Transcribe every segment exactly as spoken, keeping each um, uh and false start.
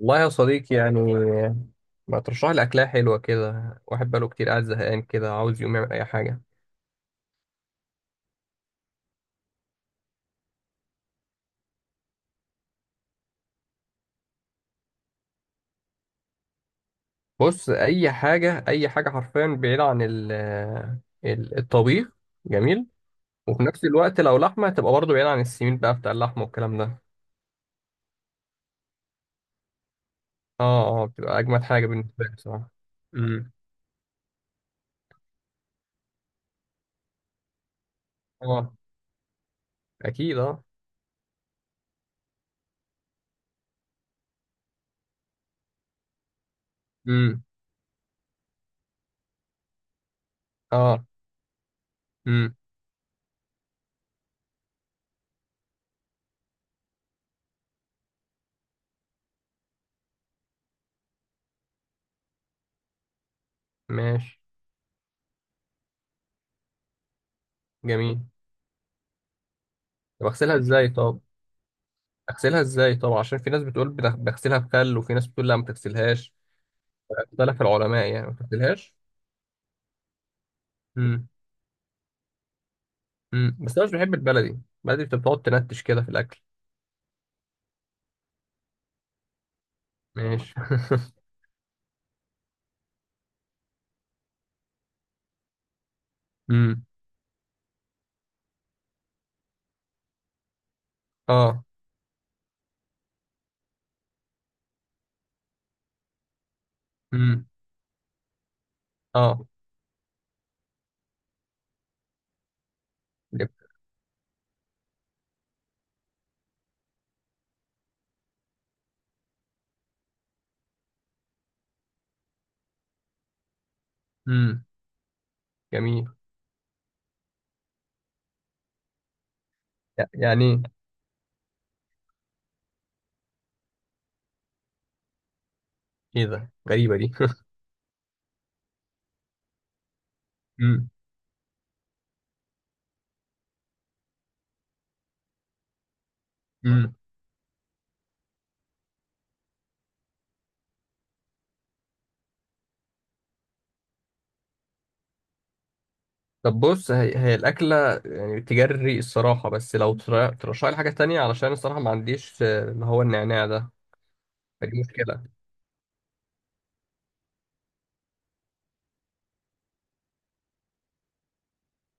والله يا صديقي يعني ما ترشح لي أكلة حلوة كده. واحد بقاله كتير قاعد زهقان كده عاوز يقوم يعمل أي حاجة. بص، أي حاجة أي حاجة حرفيا بعيدة عن ال ال- الطبيخ. جميل. وفي نفس الوقت لو لحمة تبقى برضه بعيدة عن السمين بقى بتاع اللحمة والكلام ده. اه اه، بتبقى أجمد حاجة بالنسبة لي بصراحة. امم اه أكيد اه. امم اه. امم ماشي. جميل. طب أغسلها إزاي؟ طب أغسلها إزاي؟ طب عشان في ناس بتقول بتغ- بغسلها بخل، وفي ناس بتقول لا ما تغسلهاش. اختلف العلماء يعني، ما تبدلهاش. امم امم بس انا مش بحب البلدي. البلدي بتبقى بتقعد تنتش كده في الاكل. ماشي. امم اه. امم اه. يب. امم جميل. ي- يعني ايه، إيه ده، غريبه دي. امم امم طب بص، هي, هي الاكله يعني تجري الصراحه، بس لو تر- ترشح لي حاجه تانية، علشان الصراحه ما عنديش آه، اللي هو النعناع ده. فدي مشكله.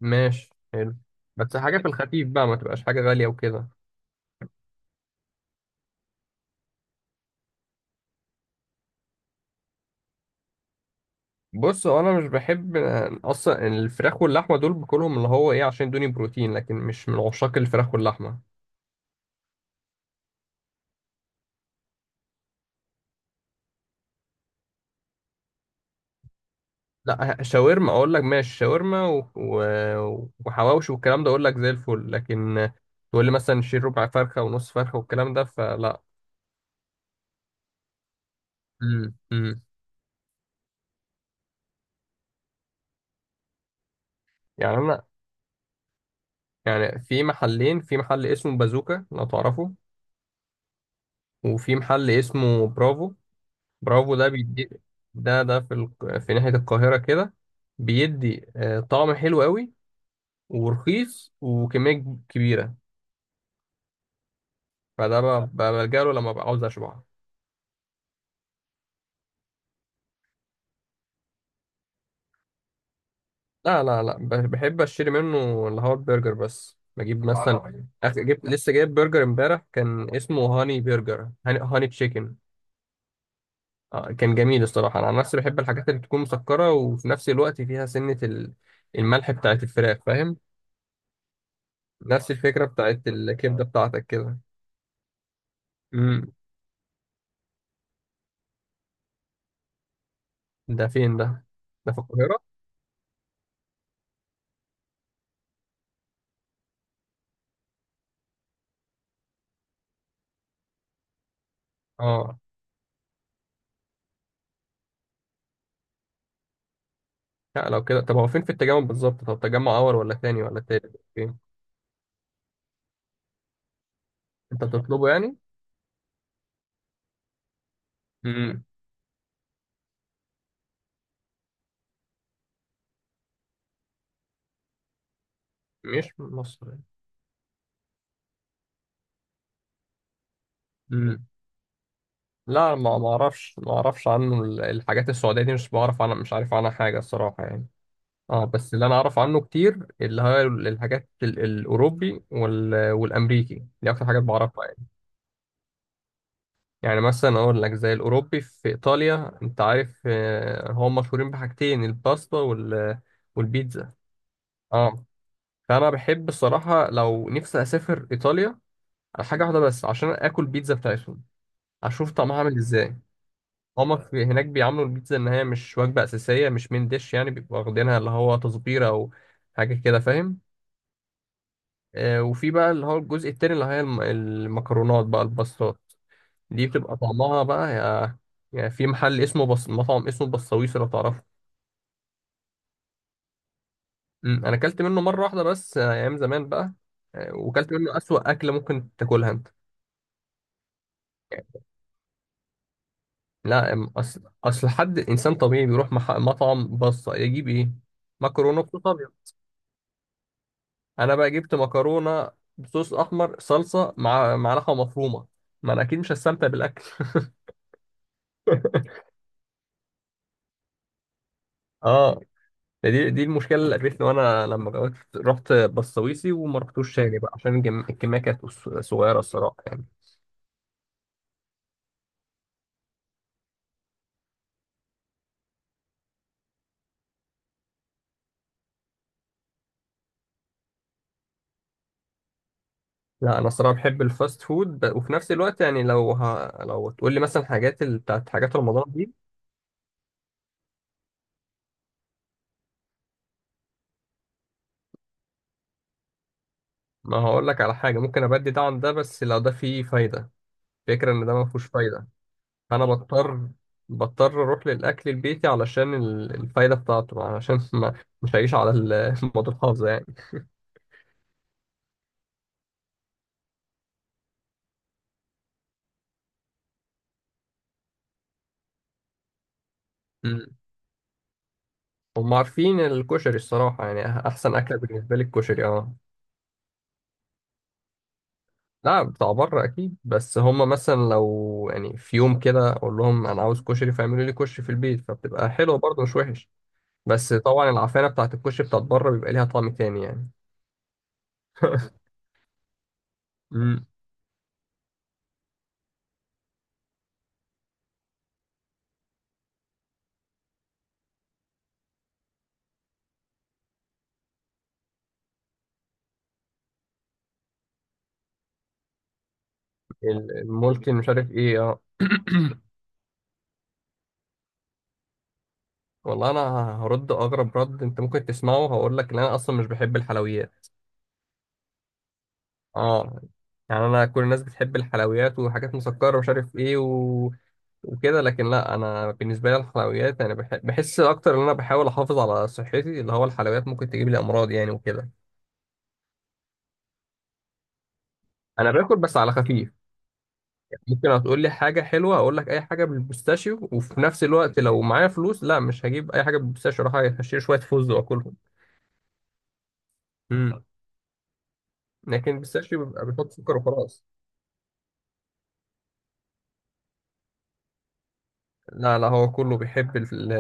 ماشي، حلو. بس حاجه في الخفيف بقى، ما تبقاش حاجه غاليه وكده. بص، هو انا مش بحب اصلا الفراخ واللحمه. دول باكلهم اللي هو ايه عشان يدوني بروتين، لكن مش من عشاق الفراخ واللحمه. لا، ه- شاورما اقول لك، ماشي. شاورما و... و... وحواوشي والكلام ده اقول لك زي الفل، لكن تقول لي مثلا شيل ربع فرخه ونص فرخه والكلام ده فلا. امم امم يعني انا يعني في محلين. في محل اسمه بازوكا لو تعرفه، وفي محل اسمه برافو. برافو ده بيدي. ده ده في ال... في ناحية القاهرة كده. بيدي آه، طعم حلو قوي ورخيص وكمية كب- كبيرة. فده ب- ب- بلجأ له لما ببقى عاوز أشبع. لا لا، لا ب- بحب أشتري منه اللي هو البرجر بس. بجيب مثلا أخ- جبت لسه، جايب برجر امبارح كان اسمه هاني برجر، هاني, هاني تشيكن. آه، كان جميل الصراحة. أنا عن نفسي بحب الحاجات اللي بتكون مسكرة، وفي نفس الوقت فيها سنة ال- الملح بتاعت الفراخ، فاهم. نفس الفكرة بتاعت الكبدة بتاعتك كده. امم. ده فين ده؟ ده في القاهرة؟ اه. لا لو كده، طب هو فين في التجمع بالظبط؟ طب تجمع اول ولا تاني ولا تالت فين؟ انت بتطلبه يعني؟ امم. مش مصر. امم. لا، ما ما اعرفش، ما اعرفش عنه ال- الحاجات السعوديه دي. مش بعرف عنها، مش عارف عنها حاجه الصراحه يعني. اه بس اللي انا اعرف عنه كتير اللي هي ال- الحاجات ال- الاوروبي وال... والامريكي، دي اكتر حاجات بعرفها يعني. يعني مثلا اقول لك زي الاوروبي، في ايطاليا انت عارف آه، هم مشهورين بحاجتين، الباستا وال... والبيتزا. اه. فانا بحب الصراحه، لو نفسي اسافر ايطاليا على حاجه واحده بس عشان اكل بيتزا بتاعتهم، اشوف طعمها عامل ازاي. هما في هناك بيعاملوا البيتزا ان هي مش وجبه اساسيه، مش من ديش يعني. بيبقوا واخدينها اللي هو تصبيره او حاجه كده، فاهم. آه، وفي بقى اللي هو الجزء التاني اللي هي الم- المكرونات بقى، الباستات دي بتبقى طعمها بقى يا يعني. في محل اسمه بص... مطعم اسمه بصويس لو تعرفه. أمم، انا اكلت منه مره واحده بس، آه، ايام زمان بقى. آه، وكلت منه اسوأ اكله ممكن تاكلها انت. لا، أم- اصل اصل حد انسان طبيعي بيروح مح... مطعم بصه يجيب ايه؟ مكرونه بصوص ابيض. انا بقى جبت مكرونه بصوص احمر، صلصه مع مع لحمه مفرومه. ما انا اكيد مش هستمتع بالاكل. اه، دي دي المشكله اللي قابلتني. وانا لما جوت رحت بسويسي وما رحتوش تاني بقى، عشان الجم- الكميه كانت قص- صغيره الصراحه يعني. لا انا الصراحه بحب الفاست فود، ب- وفي نفس الوقت يعني لو ه... لو تقول لي مثلا حاجات ال... بتاعت حاجات رمضان دي. ما هقول لك على حاجة ممكن أبدي ده عن ده، بس لو ده فيه فايدة. فكرة إن ده ما فيهوش فايدة، فأنا بضطر بضطر أروح للأكل البيتي علشان ال- الفايدة بتاعته، علشان ما مش هعيش على ال- المواد الحافظة يعني. مم. هم عارفين الكشري الصراحة. يعني أحسن أكلة بالنسبة لي الكشري، أه. لا بتاع بره أكيد. بس هم مثلا لو يعني في يوم كده أقول لهم أنا عاوز كشري فيعملوا لي كشري في البيت، فبتبقى حلوة برضه مش وحش. بس طبعا العفانة بتاعت الكشري بتاعت بره بيبقى ليها طعم تاني يعني. مم. الملكي، مش عارف ايه، اه. والله انا هرد اغرب رد انت ممكن تسمعه. هقول لك ان انا اصلا مش بحب الحلويات. اه. يعني انا كل الناس بتحب الحلويات وحاجات مسكره ومش عارف ايه و... وكده، لكن لا انا بالنسبه لي الحلويات، انا بح... بحس اكتر ان انا بحاول احافظ على صحتي، اللي هو الحلويات ممكن تجيب لي امراض يعني وكده. انا باكل بس على خفيف. يعني ممكن هتقول لي حاجه حلوه، هقول لك اي حاجه بالبيستاشيو. وفي نفس الوقت لو معايا فلوس، لا مش هجيب اي حاجه بالبيستاشيو، اروح اشتري شويه فوز واكلهم. مم. لكن البيستاشيو بيبقى بيحط سكر وخلاص. لا لا، هو كله بيحب ال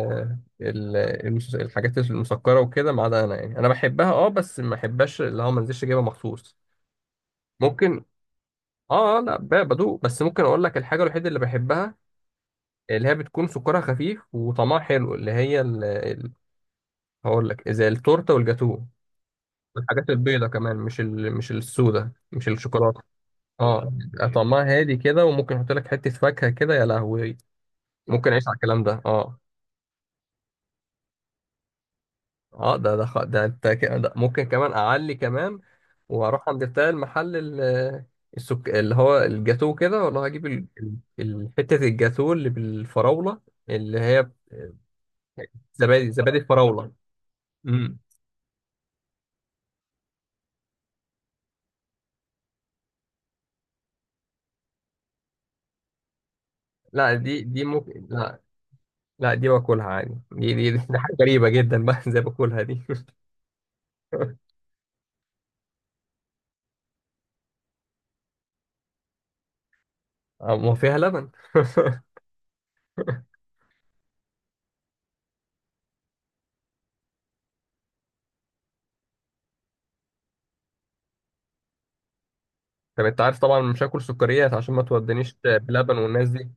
ال المس- الحاجات المسكرة وكده، ما عدا أنا يعني. أنا بحبها أه، بس ما بحبهاش اللي هو ما انزلش أجيبها مخصوص. ممكن أه، آه، لا ب- بدوق. بس ممكن أقول لك الحاجة الوحيدة اللي بحبها، اللي هي بتكون سكرها خفيف وطعمها حلو، اللي هي ال... ال- هقول لك زي التورتة والجاتوه. والحاجات البيضة كمان، مش ال... مش السودة، مش الشوكولاتة. اه بيبقى طعمها هادي كده، وممكن احط لك حتة فاكهة كده، يا لهوي. ممكن اعيش على الكلام ده اه. اه ده ده خ- ده انت ك- ده ممكن كمان اعلي كمان، واروح عند بتاع المحل ال- السك... اللي هو الجاتوه كده. والله هجيب ال... ال- ال- حتة الجاتوه اللي بالفراولة، اللي هي ب- زبادي، زبادي الفراولة. امم. لا دي دي ممكن. لا لا دي باكلها عادي. دي دي, دي دي حاجة غريبة جدا بقى، زي باكلها دي. آه، ما فيها لبن. طب انت عارف طبعا مش هاكل سكريات عشان ما تودنيش بلبن والناس دي.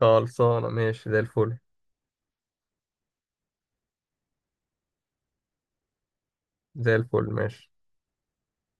خلصانة، ماشي، زي الفل. زي الفل، ماشي.